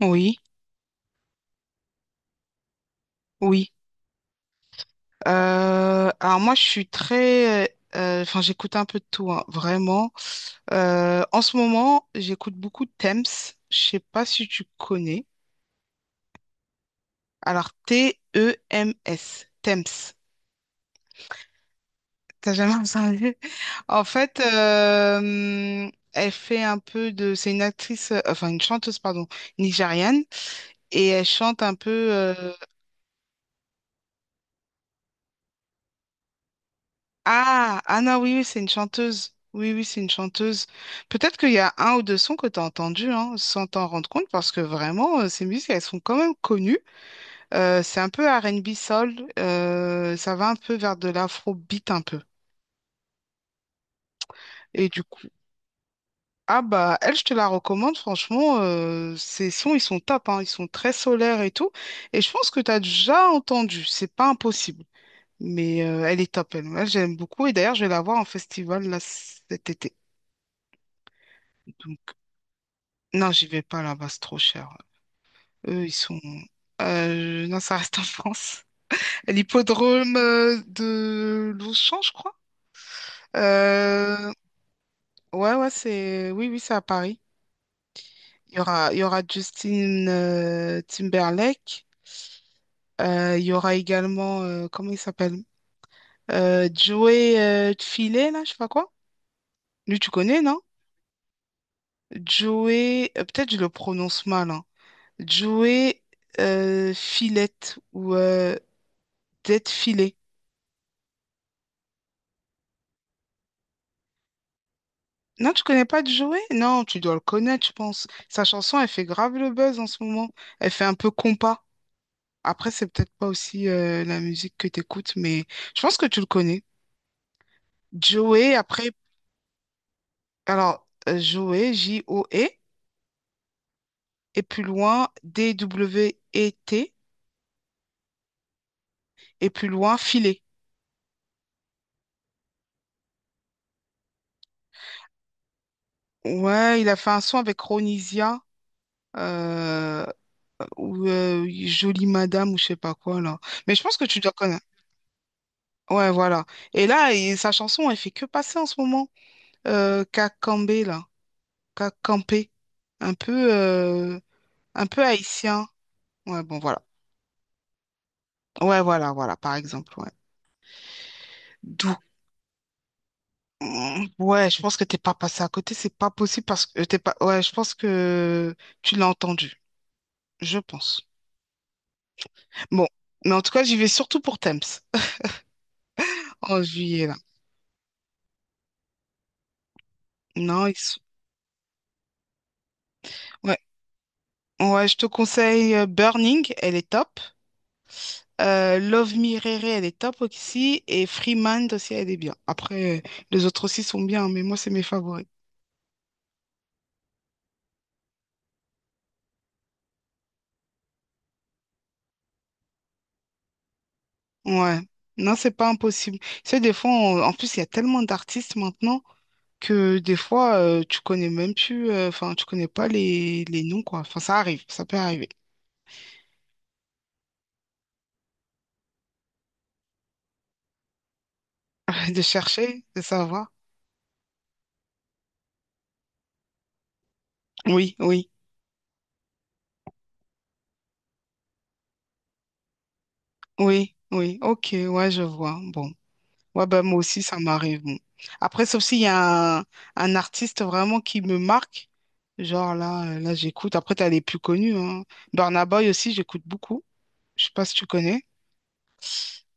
Oui, oui. Alors moi, je suis très, enfin, j'écoute un peu de tout, hein, vraiment. En ce moment, j'écoute beaucoup Thames. Je sais pas si tu connais. Alors, T-E-M-S. Thames. T'as jamais entendu? En fait, elle fait un peu de... C'est une actrice, enfin une chanteuse, pardon, nigériane. Et elle chante un peu... ah, Anna, oui, oui, c'est une chanteuse. Oui, oui, c'est une chanteuse. Peut-être qu'il y a un ou deux sons que tu as entendus, hein, sans t'en rendre compte, parce que vraiment, ces musiques, elles sont quand même connues. C'est un peu R&B soul, ça va un peu vers de l'afrobeat un peu. Et du coup, ah bah, elle, je te la recommande, franchement, ces sons, ils sont top, hein, ils sont très solaires et tout. Et je pense que tu as déjà entendu, c'est pas impossible. Mais elle est top, elle. Moi, j'aime beaucoup. Et d'ailleurs, je vais la voir en festival là, cet été. Non, j'y vais pas là-bas, c'est trop cher. Eux, ils sont... non, ça reste en France. L'hippodrome de Longchamp, je crois. Euh, ouais, ouais, c'est... Oui, oui, c'est à Paris. Il y aura Justin Timberlake. Il y aura également... comment il s'appelle? Joey Tfilé, là, je sais pas quoi. Lui, tu connais, non? Joey... peut-être je le prononce mal, hein. Joey Filette ou Filet. Non, tu connais pas Joey? Non, tu dois le connaître, je pense. Sa chanson, elle fait grave le buzz en ce moment. Elle fait un peu compas. Après, c'est peut-être pas aussi la musique que t'écoutes, mais je pense que tu le connais. Joey, après, alors, Joey, J-O-E, et plus loin, D-W-E-T, et plus loin, Filet. Ouais, il a fait un son avec Ronisia, euh, ou Jolie Madame, ou je sais pas quoi, là. Mais je pense que tu dois connaître. Ouais, voilà. Et là, sa chanson, elle fait que passer en ce moment. Qu'a campé, là, qu'a campé, un peu, euh, un peu haïtien. Ouais, bon, voilà. Ouais, voilà, voilà, par exemple, ouais. Donc, ouais, je pense que t'es pas passé à côté, c'est pas possible parce que t'es pas, ouais, je pense que tu l'as entendu, je pense. Bon, mais en tout cas, j'y vais surtout pour Thames en juillet, là. Non, ouais, ouais, je te conseille Burning, elle est top. Love Me Rere, elle est top aussi. Et Freeman aussi, elle est bien. Après, les autres aussi sont bien, mais moi, c'est mes favoris. Ouais. Non, c'est pas impossible. C'est des fois, en plus, il y a tellement d'artistes maintenant que des fois, tu connais même plus, enfin, tu connais pas les noms, quoi. Enfin, ça arrive, ça peut arriver. De chercher, de savoir. Oui, oui, oui, oui. Ok, ouais, je vois. Bon. Ouais, bah, moi aussi, ça m'arrive. Bon. Après, sauf s'il y a un artiste vraiment qui me marque, genre là, là j'écoute. Après, t'as les plus connus, hein. Burna Boy aussi, j'écoute beaucoup. Je sais pas si tu connais.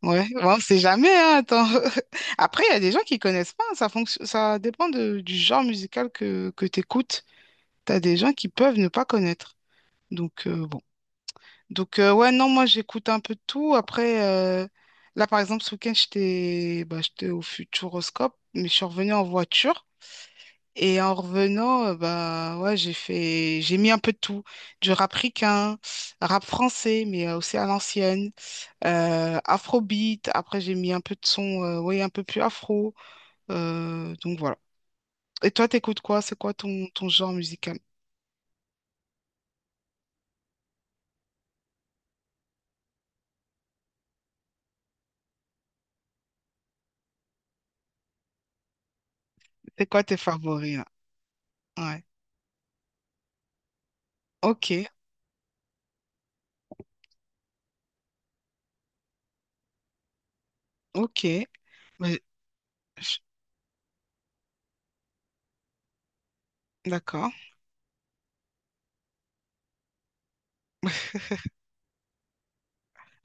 Ouais, ouais, on sait jamais, hein, attends. Après, il y a des gens qui connaissent pas, hein. Ça dépend du genre musical que t'écoutes. T'as des gens qui peuvent ne pas connaître. Donc, bon. Donc, ouais, non, moi, j'écoute un peu de tout. Après, là, par exemple, ce week-end, j'étais bah, j'étais au Futuroscope, mais je suis revenue en voiture. Et en revenant, bah, ouais, j'ai mis un peu de tout. Du rap ricain, rap français, mais aussi à l'ancienne. Afrobeat. Après, j'ai mis un peu de son, ouais, un peu plus afro. Donc, voilà. Et toi, t'écoutes quoi? C'est quoi ton genre musical? C'est quoi tes favoris, là? Ouais. Ok, ok. Mais- D'accord.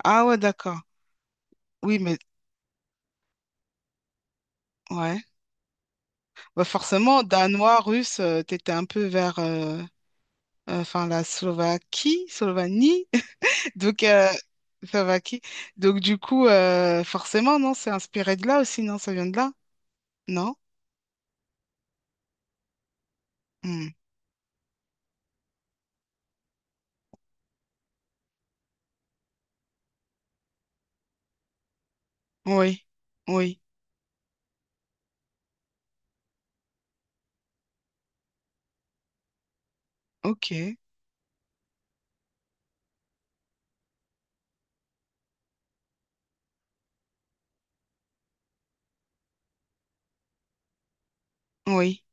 Ah ouais, d'accord. Oui, mais ouais. Bah forcément, danois, russe, t'étais un peu vers enfin la Slovaquie, Slovanie. Donc Slovaquie. Donc du coup, forcément, non, c'est inspiré de là aussi, non, ça vient de là, non? Hmm. Oui, oui, ok, oui.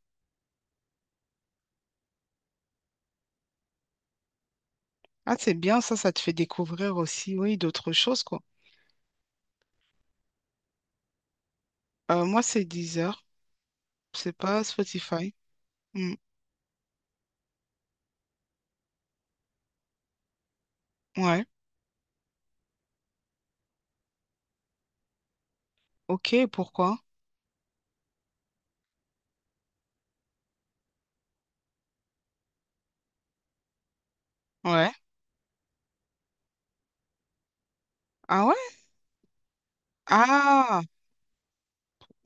Ah, c'est bien, ça te fait découvrir aussi, oui, d'autres choses, quoi. Moi, c'est Deezer, c'est pas Spotify. Hmm. Ouais, ok, pourquoi? Ouais. Ah ouais? Ah,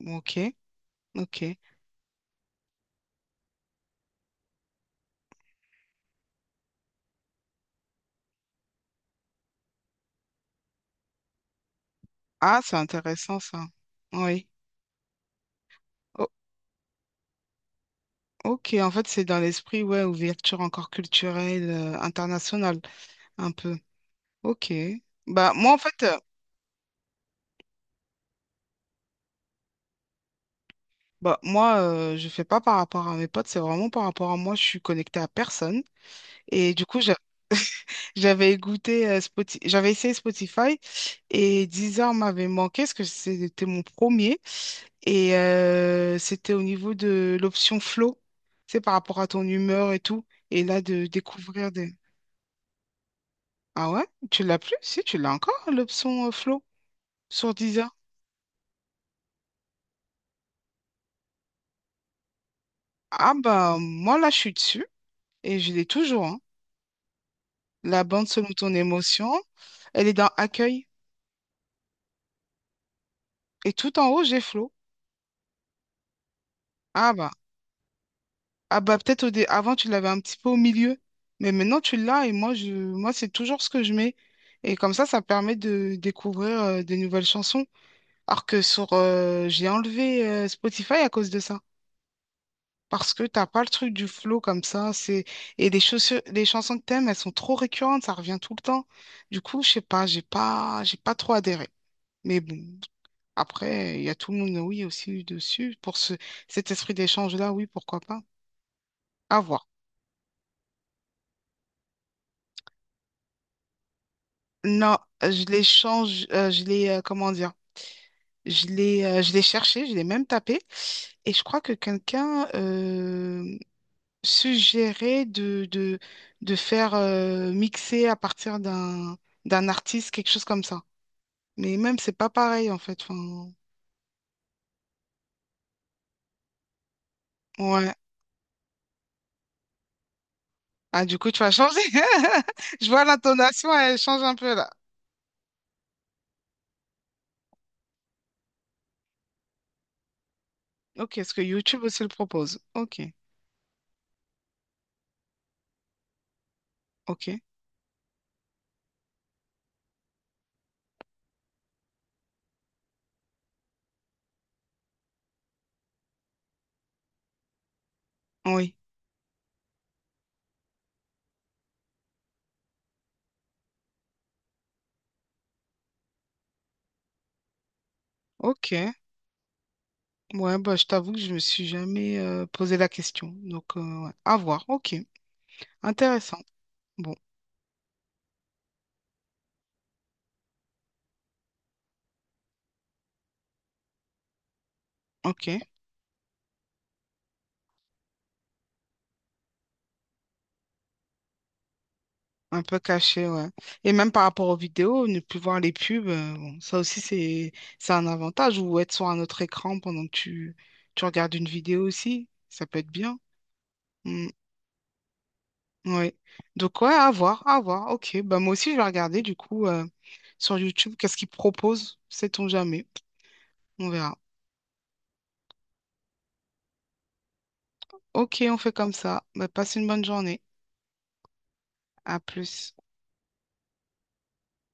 ok. Ok. Ah, c'est intéressant, ça. Oui. O- ok, en fait, c'est dans l'esprit, ouais, ouverture encore culturelle, internationale, un peu. Ok. Bah, moi, en fait, bah, moi, je fais pas par rapport à mes potes, c'est vraiment par rapport à moi, je suis connectée à personne. Et du coup, j'ai. J'avais goûté j'avais essayé Spotify et Deezer m'avait manqué parce que c'était mon premier et c'était au niveau de l'option flow, c'est par rapport à ton humeur et tout. Et là, de découvrir des... Ah ouais? Tu l'as plus? Si, tu l'as encore, l'option flow sur Deezer. Ah bah, moi là, je suis dessus et je l'ai toujours, hein. La bande selon ton émotion, elle est dans Accueil et tout en haut, j'ai flow. Ah bah. Ah bah peut-être avant tu l'avais un petit peu au milieu, mais maintenant tu l'as et moi c'est toujours ce que je mets. Et comme ça permet de découvrir des nouvelles chansons. Alors que sur j'ai enlevé Spotify à cause de ça. Parce que t'as pas le truc du flow comme ça. C'est et les chansons que t'aimes, elles sont trop récurrentes, ça revient tout le temps. Du coup, je sais pas, j'ai pas trop adhéré. Mais bon, après, il y a tout le monde, oui, aussi dessus. Pour ce cet esprit d'échange-là, oui, pourquoi pas. À voir. Non, je l'ai change, je l'ai, comment dire, je l'ai cherché, je l'ai même tapé, et je crois que quelqu'un suggérait de faire mixer à partir d'un artiste, quelque chose comme ça. Mais même, c'est pas pareil, en fait. Enfin, ouais. Ah, du coup, tu vas changer. Je vois l'intonation, elle change un peu là. Ok, est-ce que YouTube aussi le propose? Ok, ok, oui, ok. Ouais, bah, je t'avoue que je me suis jamais posé la question. Donc, ouais. À voir. Ok. Intéressant. Bon, ok. Un peu caché, ouais. Et même par rapport aux vidéos, ne plus voir les pubs, bon, ça aussi, c'est un avantage. Ou être sur un autre écran pendant que tu regardes une vidéo aussi, ça peut être bien. Mm, ouais. Donc, ouais, à voir, à voir. Ok. Bah, moi aussi, je vais regarder, du coup, sur YouTube, qu'est-ce qu'ils proposent. Sait-on jamais. On verra. Ok, on fait comme ça. Bah, passe une bonne journée. À plus.